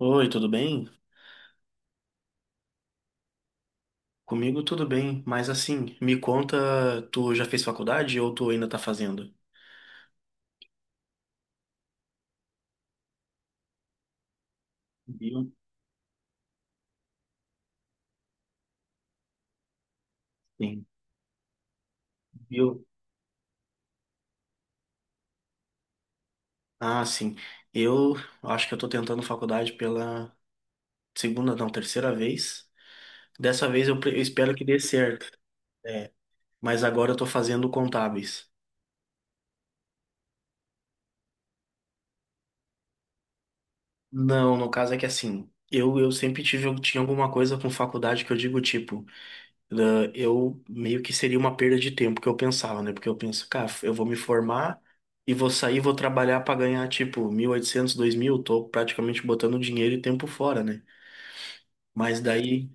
Oi, tudo bem? Comigo tudo bem, mas assim, me conta, tu já fez faculdade ou tu ainda tá fazendo? Viu? Sim. Viu? Ah, sim. Eu acho que eu tô tentando faculdade pela segunda, não, terceira vez. Dessa vez eu espero que dê certo. É, mas agora eu tô fazendo contábeis. Não, no caso é que assim, eu sempre tive, eu Tinha alguma coisa com faculdade que eu digo tipo, né, eu meio que seria uma perda de tempo que eu pensava, né? Porque eu penso, cara, eu vou me formar e vou sair, vou trabalhar para ganhar tipo 1.800, 2.000. Tô praticamente botando dinheiro e tempo fora, né? Mas daí,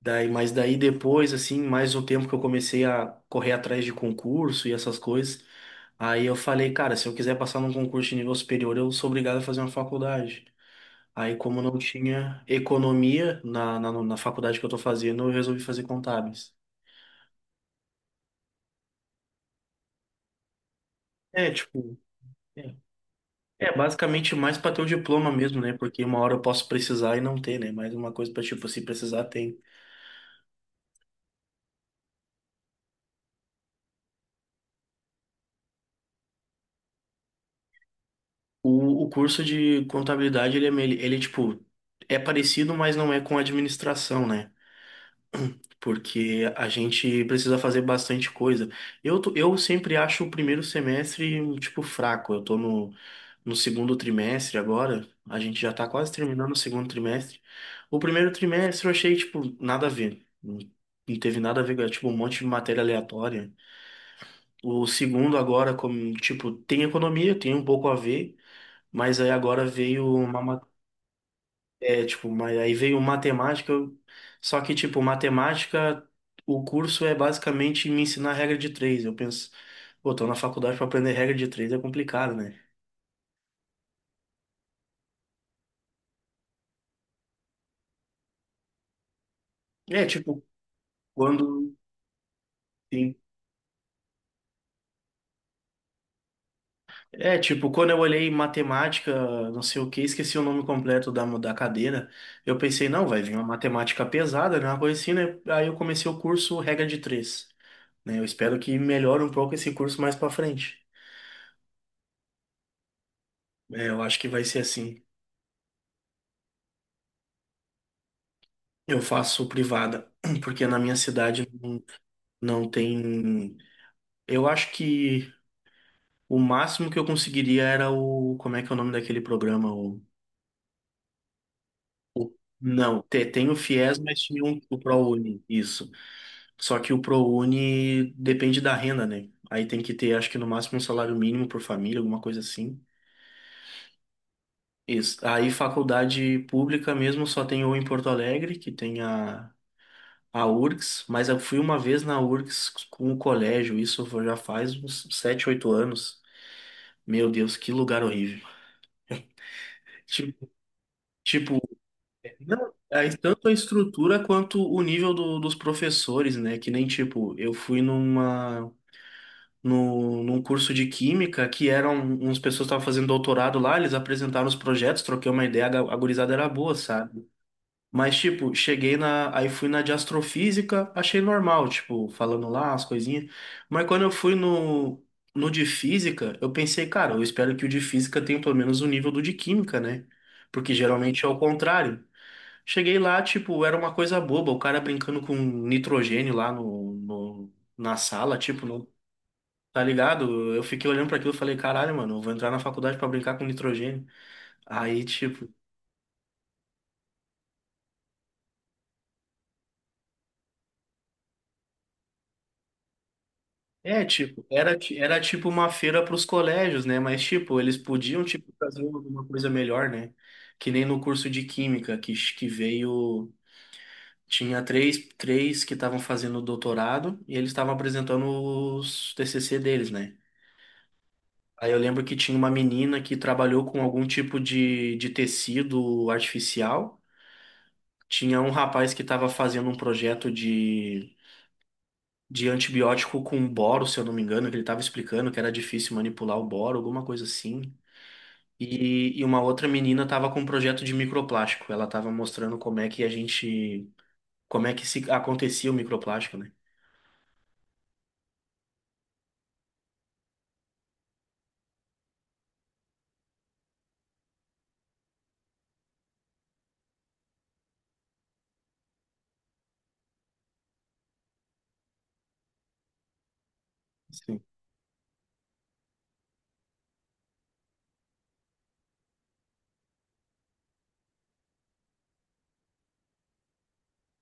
mas daí depois, assim, mais um tempo que eu comecei a correr atrás de concurso e essas coisas, aí eu falei, cara, se eu quiser passar num concurso de nível superior, eu sou obrigado a fazer uma faculdade. Aí, como não tinha economia na faculdade que eu tô fazendo, eu resolvi fazer contábeis. É, tipo, é, É basicamente mais para ter o diploma mesmo, né? Porque uma hora eu posso precisar e não ter, né? Mas uma coisa para tipo, se precisar, tem. O curso de contabilidade, ele é parecido, mas não é com administração, né? Porque a gente precisa fazer bastante coisa. Eu sempre acho o primeiro semestre, tipo, fraco. Eu tô no segundo trimestre agora, a gente já tá quase terminando o segundo trimestre. O primeiro trimestre eu achei, tipo, nada a ver. Não não teve nada a ver, era, tipo, um monte de matéria aleatória. O segundo agora, como, tipo, tem economia, tem um pouco a ver, mas aí agora veio uma mas aí veio matemática. Só que, tipo, matemática, o curso é basicamente me ensinar regra de três. Eu penso, pô, tô na faculdade pra aprender regra de três, é complicado, né? É, tipo, quando. Sim. É, tipo, quando eu olhei matemática, não sei o que, esqueci o nome completo da cadeira, eu pensei, não, vai vir uma matemática pesada, né? Uma coisa assim, né? Aí eu comecei o curso regra de três, né? Eu espero que melhore um pouco esse curso mais pra frente. É, eu acho que vai ser assim. Eu faço privada, porque na minha cidade não, não tem. Eu acho que o máximo que eu conseguiria era o... Como é que é o nome daquele programa? O... Não, tem o FIES, mas tinha um, o ProUni, isso. Só que o ProUni depende da renda, né? Aí tem que ter, acho que no máximo um salário mínimo por família, alguma coisa assim. Isso. Aí faculdade pública mesmo só tem ou em Porto Alegre, que tem a URGS, mas eu fui uma vez na URGS com o colégio, isso já faz uns 7 8 anos. Meu Deus, que lugar horrível. Ti- Tipo, não, é tanto a estrutura quanto o nível dos professores, né? Que nem, tipo, eu fui numa, no, num curso de química, que eram uns pessoas que estavam fazendo doutorado lá, eles apresentaram os projetos, troquei uma ideia, a gurizada era boa, sabe? Mas, tipo, cheguei na. aí fui na de astrofísica, achei normal, tipo, falando lá as coisinhas. Mas quando eu fui no de física, eu pensei, cara, eu espero que o de física tenha pelo menos o nível do de química, né? Porque geralmente é o contrário. Cheguei lá, tipo, era uma coisa boba, o cara brincando com nitrogênio lá na sala, tipo, não. Tá ligado? Eu fiquei olhando pra aquilo e falei, caralho, mano, eu vou entrar na faculdade pra brincar com nitrogênio. Aí, tipo. É, tipo, era tipo uma feira para os colégios, né? Mas, tipo, eles podiam, tipo, fazer alguma coisa melhor, né? Que nem no curso de Química, que veio... Tinha três que estavam fazendo doutorado e eles estavam apresentando os TCC deles, né? Aí eu lembro que tinha uma menina que trabalhou com algum tipo de tecido artificial. Tinha um rapaz que estava fazendo um projeto de antibiótico com boro, se eu não me engano, que ele estava explicando que era difícil manipular o boro, alguma coisa assim. E uma outra menina estava com um projeto de microplástico. Ela estava mostrando como é que se acontecia o microplástico, né? Sim.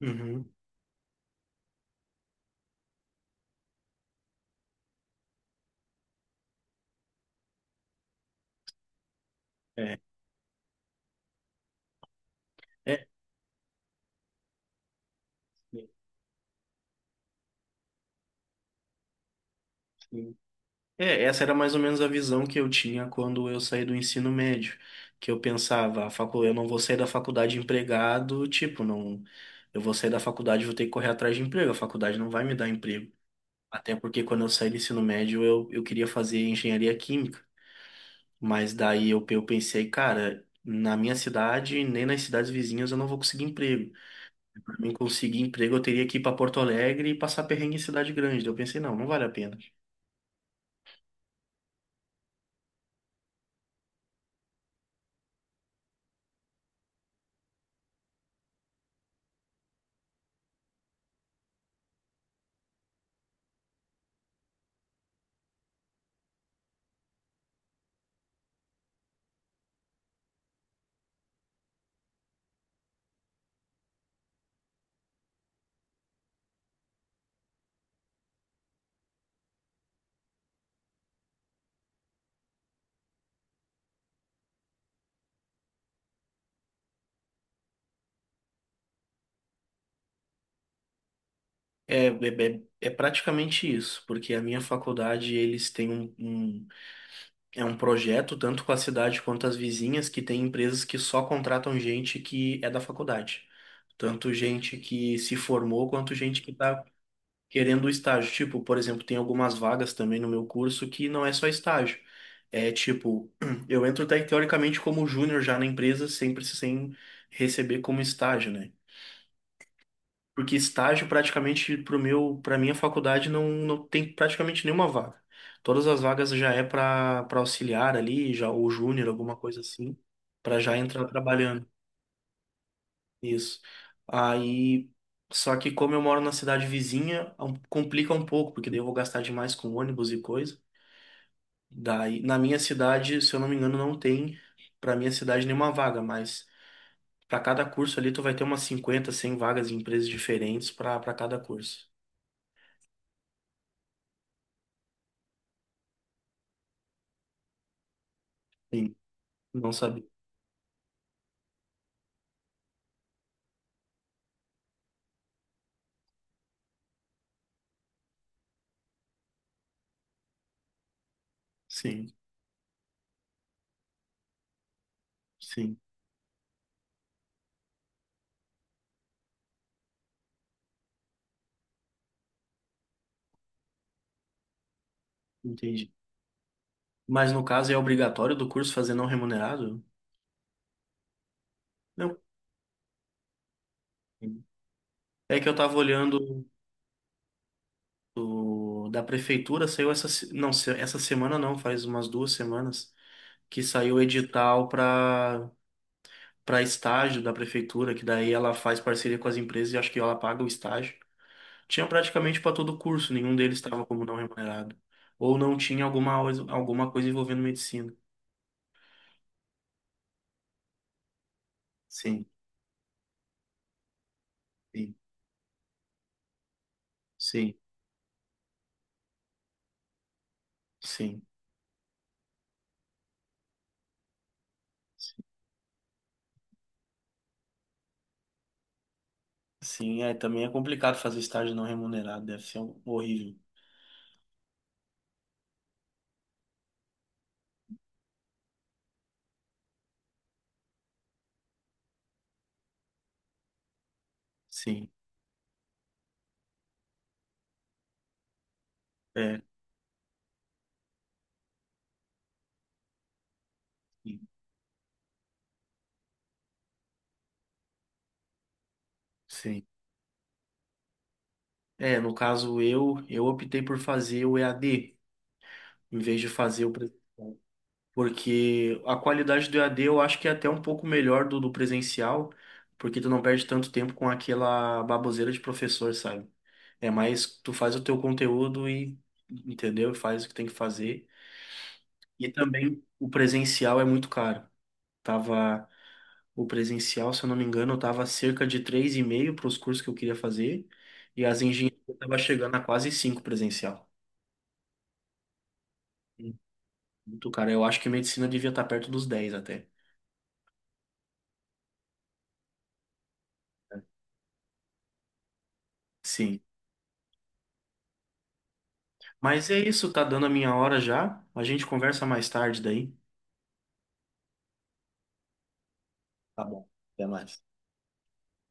Uhum. É, é, sim. É, essa era mais ou menos a visão que eu tinha quando eu saí do ensino médio, que eu pensava, eu não vou sair da faculdade empregado, tipo, não, eu vou sair da faculdade, e vou ter que correr atrás de emprego, a faculdade não vai me dar emprego. Até porque quando eu saí do ensino médio, eu queria fazer engenharia química. Mas daí eu pensei, cara, na minha cidade, nem nas cidades vizinhas, eu não vou conseguir emprego. Pra mim conseguir emprego, eu teria que ir pra Porto Alegre e passar perrengue em cidade grande. Daí eu pensei, não, não vale a pena. É praticamente isso, porque a minha faculdade, eles têm é um projeto, tanto com a cidade quanto as vizinhas, que tem empresas que só contratam gente que é da faculdade. Tanto gente que se formou, quanto gente que está querendo estágio. Tipo, por exemplo, tem algumas vagas também no meu curso que não é só estágio. É tipo, eu entro teoricamente como júnior já na empresa, sempre sem receber como estágio, né? Porque estágio praticamente para minha faculdade não, não tem praticamente nenhuma vaga. Todas as vagas já é para auxiliar ali, já ou júnior, alguma coisa assim, para já entrar trabalhando. Isso. Aí, só que como eu moro na cidade vizinha, complica um pouco, porque daí eu vou gastar demais com ônibus e coisa. Daí, na minha cidade, se eu não me engano, não tem para minha cidade nenhuma vaga, mas para cada curso ali tu vai ter umas 50 100 vagas em empresas diferentes para cada curso. Sim, não sabia. Sim, sim, entendi. Mas no caso é obrigatório do curso fazer não remunerado? Não. É que eu tava olhando da prefeitura saiu essa semana não, faz umas 2 semanas, que saiu o edital para estágio da prefeitura, que daí ela faz parceria com as empresas e acho que ela paga o estágio. Tinha praticamente para todo curso, nenhum deles estava como não remunerado. Ou não tinha alguma coisa envolvendo medicina. Sim, sim, sim, sim. Sim, sim, é, também é complicado fazer estágio não remunerado, deve ser horrível. Sim, é, sim. Sim. É, no caso eu optei por fazer o EAD em vez de fazer o presencial, porque a qualidade do EAD eu acho que é até um pouco melhor do presencial, porque tu não perde tanto tempo com aquela baboseira de professor, sabe? É mais tu faz o teu conteúdo e entendeu? Faz o que tem que fazer. E também o presencial é muito caro. Tava o presencial, se eu não me engano, tava cerca de três e meio para os cursos que eu queria fazer, e as engenharias tava chegando a quase 5 presencial. Muito, cara. Eu acho que medicina devia estar perto dos 10 até. Sim. Mas é isso, tá dando a minha hora já. A gente conversa mais tarde daí. Tá bom. Até mais.